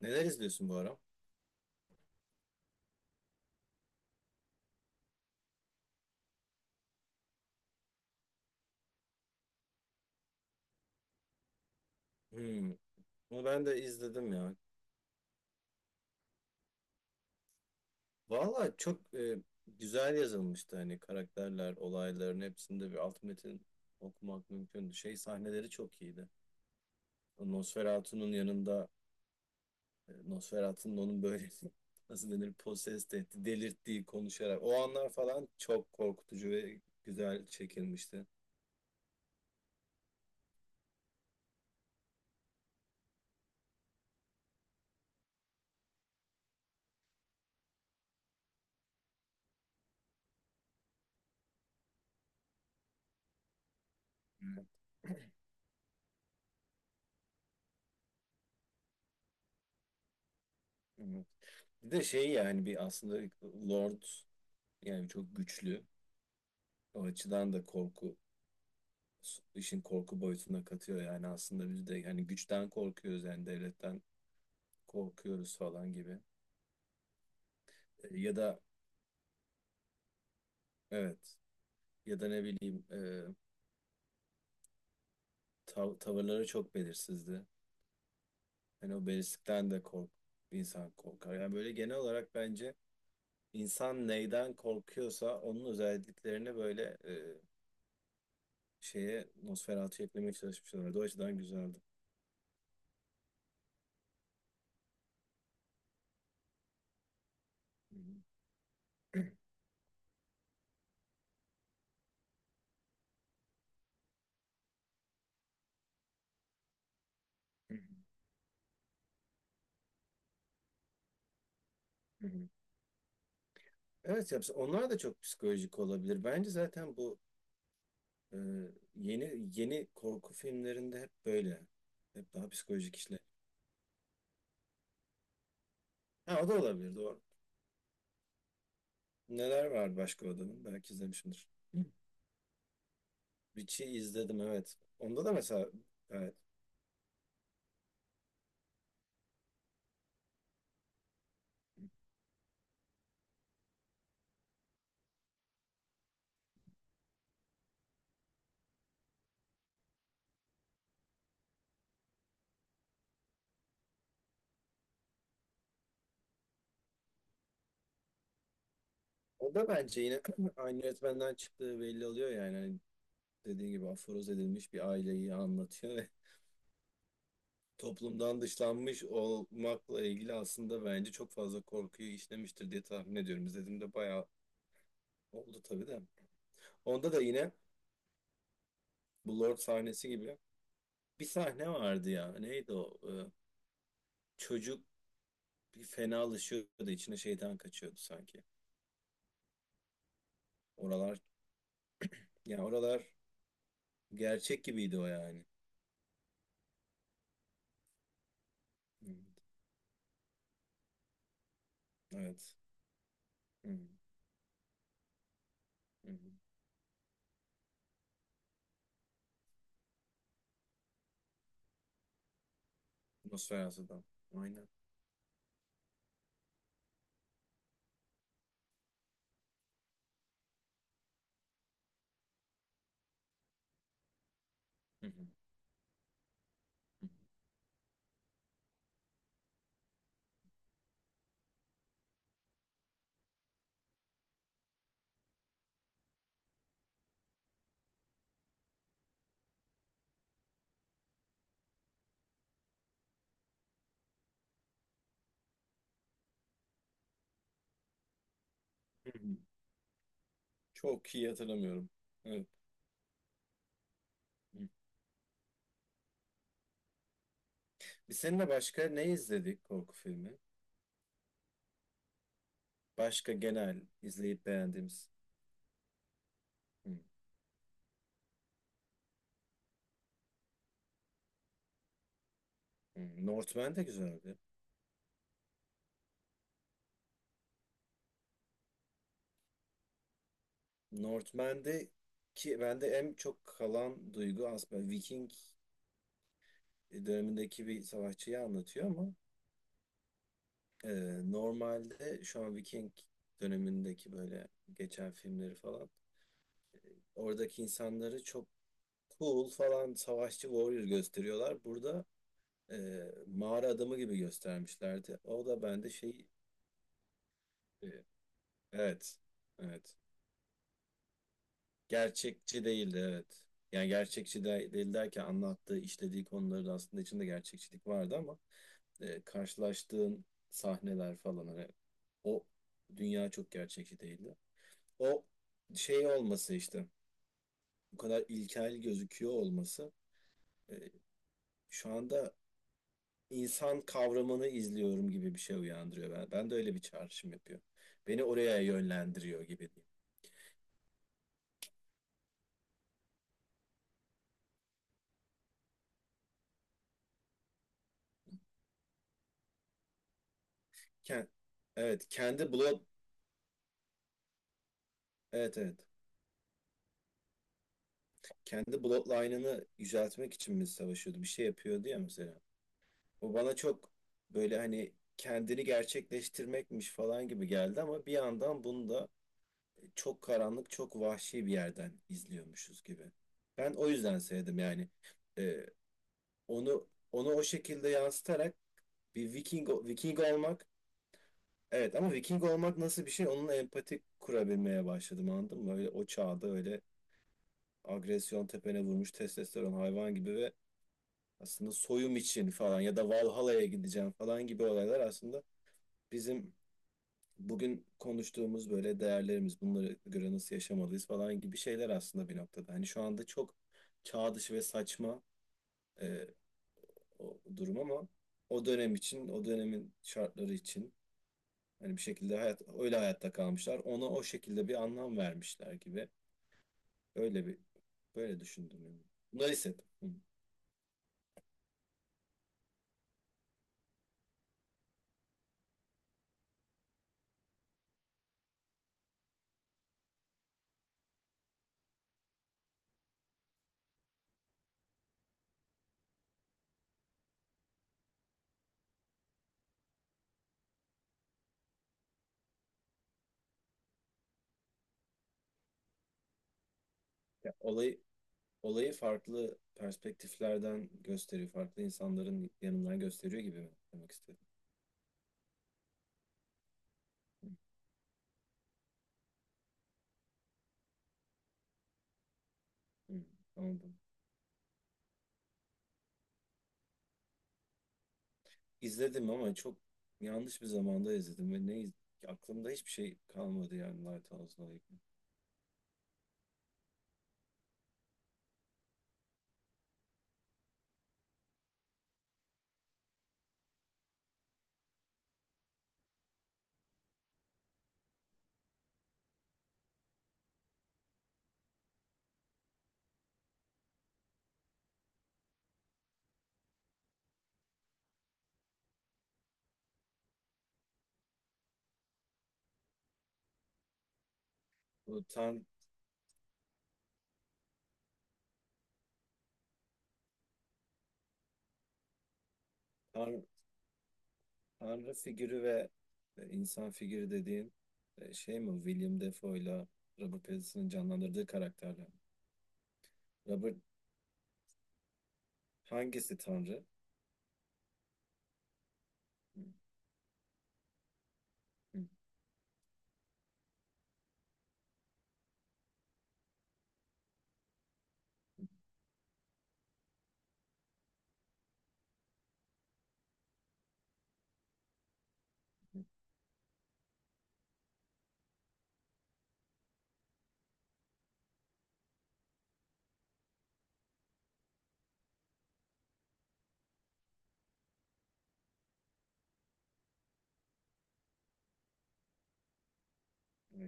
Neler izliyorsun bu ara? Hmm. Bunu ben de izledim ya. Valla çok güzel yazılmıştı hani karakterler, olayların hepsinde bir alt metin okumak mümkündü. Şey sahneleri çok iyiydi. O Nosferatu'nun yanında, Nosferatu'nun onun böyle nasıl denir possessed etti, delirttiği konuşarak. O anlar falan çok korkutucu ve güzel çekilmişti. Evet. Evet. Bir de şey yani bir aslında Lord yani çok güçlü. O açıdan da korku işin korku boyutuna katıyor. Yani aslında biz de hani güçten korkuyoruz, yani devletten korkuyoruz falan gibi. Ya da evet, ya da ne bileyim, tavırları çok belirsizdi. Hani o belirsizlikten de kork, insan korkar. Yani böyle genel olarak bence insan neyden korkuyorsa onun özelliklerini böyle, şeye, Nosferatu'ya eklemeye çalışmışlar. O açıdan güzeldi. Hı hı. Hı hı. Hı hı. Evet, yapsa onlar da çok psikolojik olabilir. Bence zaten bu Ee, yeni yeni korku filmlerinde hep böyle. Hep daha psikolojik işler. Ha, o da olabilir, doğru. Neler var başka adamın? Belki izlemişimdir. Hı. Witch'i izledim, evet. Onda da mesela evet. O da bence yine aynı yönetmenden çıktığı belli oluyor yani. Hani dediğin gibi aforoz edilmiş bir aileyi anlatıyor ve toplumdan dışlanmış olmakla ilgili aslında bence çok fazla korkuyu işlemiştir diye tahmin ediyorum. İzlediğimde bayağı oldu tabii de. Onda da yine bu Lord sahnesi gibi bir sahne vardı ya. Neydi o? Çocuk bir fenalaşıyordu, içine şeytan kaçıyordu sanki. Oralar, ya oralar gerçek gibiydi o yani. Hı. Evet. Hı, hı. Nosferatu. Aynen. Hı, hı. Hı, hı. Çok iyi hatırlamıyorum. Evet. Hı. Biz seninle başka ne izledik korku filmi? Başka genel izleyip beğendiğimiz. Hı, hı. Northman de güzeldi. Northman'de ki bende en çok kalan duygu aslında Viking dönemindeki bir savaşçıyı anlatıyor ama, e, normalde şu an Viking dönemindeki böyle geçen filmleri falan, oradaki insanları çok cool falan, savaşçı warrior gösteriyorlar. Burada e, mağara adamı gibi göstermişlerdi. O da bende şey, e, evet, evet gerçekçi değildi, evet. Yani gerçekçi de değil derken anlattığı işlediği konuların aslında içinde gerçekçilik vardı ama, karşılaştığın sahneler falan hani, o dünya çok gerçekçi değildi. O şey olması işte, bu kadar ilkel gözüküyor olması, e, şu anda insan kavramını izliyorum gibi bir şey uyandırıyor. Ben de öyle bir çağrışım yapıyor. Beni oraya yönlendiriyor gibi diyeyim. Ken- evet kendi blog, evet evet kendi bloodline'ını yüceltmek için mi savaşıyordu? Bir şey yapıyordu ya mesela. O bana çok böyle hani kendini gerçekleştirmekmiş falan gibi geldi ama bir yandan bunu da çok karanlık, çok vahşi bir yerden izliyormuşuz gibi. Ben o yüzden sevdim yani. Ee, onu onu o şekilde yansıtarak bir Viking olmak, evet ama Viking olmak nasıl bir şey, onunla empati kurabilmeye başladım, anladın mı? Öyle o çağda öyle agresyon tepene vurmuş testosteron hayvan gibi ve aslında soyum için falan ya da Valhalla'ya gideceğim falan gibi olaylar, aslında bizim bugün konuştuğumuz böyle değerlerimiz, bunlara göre nasıl yaşamalıyız falan gibi şeyler aslında, bir noktada. Hani şu anda çok çağ dışı ve saçma e, o durum ama o dönem için, o dönemin şartları için hani bir şekilde hayat öyle, hayatta kalmışlar. Ona o şekilde bir anlam vermişler gibi. Öyle bir böyle düşündüm yani. Bunları hissettim. Hı. Ya, olayı, olayı farklı perspektiflerden gösteriyor, farklı insanların yanından gösteriyor gibi mi demek istedim? Hı. Hı. Anladım. İzledim ama çok yanlış bir zamanda izledim ve aklımda hiçbir şey kalmadı yani Lighthouse'la ilgili. Bu tan, tan- tanrı figürü ve insan figürü dediğin, şey mi? William Defoe'yla Robert Pattinson'ın canlandırdığı karakterler mi? Robert, hangisi tanrı?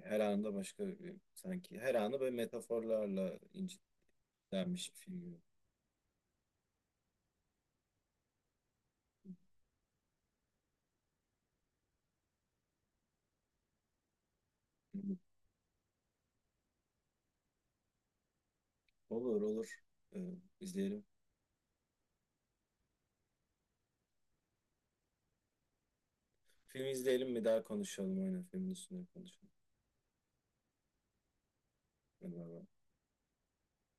Her anında başka bir, sanki her anı böyle metaforlarla incitlenmiş bir figür. Olur, olur. E, izleyelim. Film izleyelim mi, daha konuşalım, aynen filmin üstüne konuşalım. Eyvallah.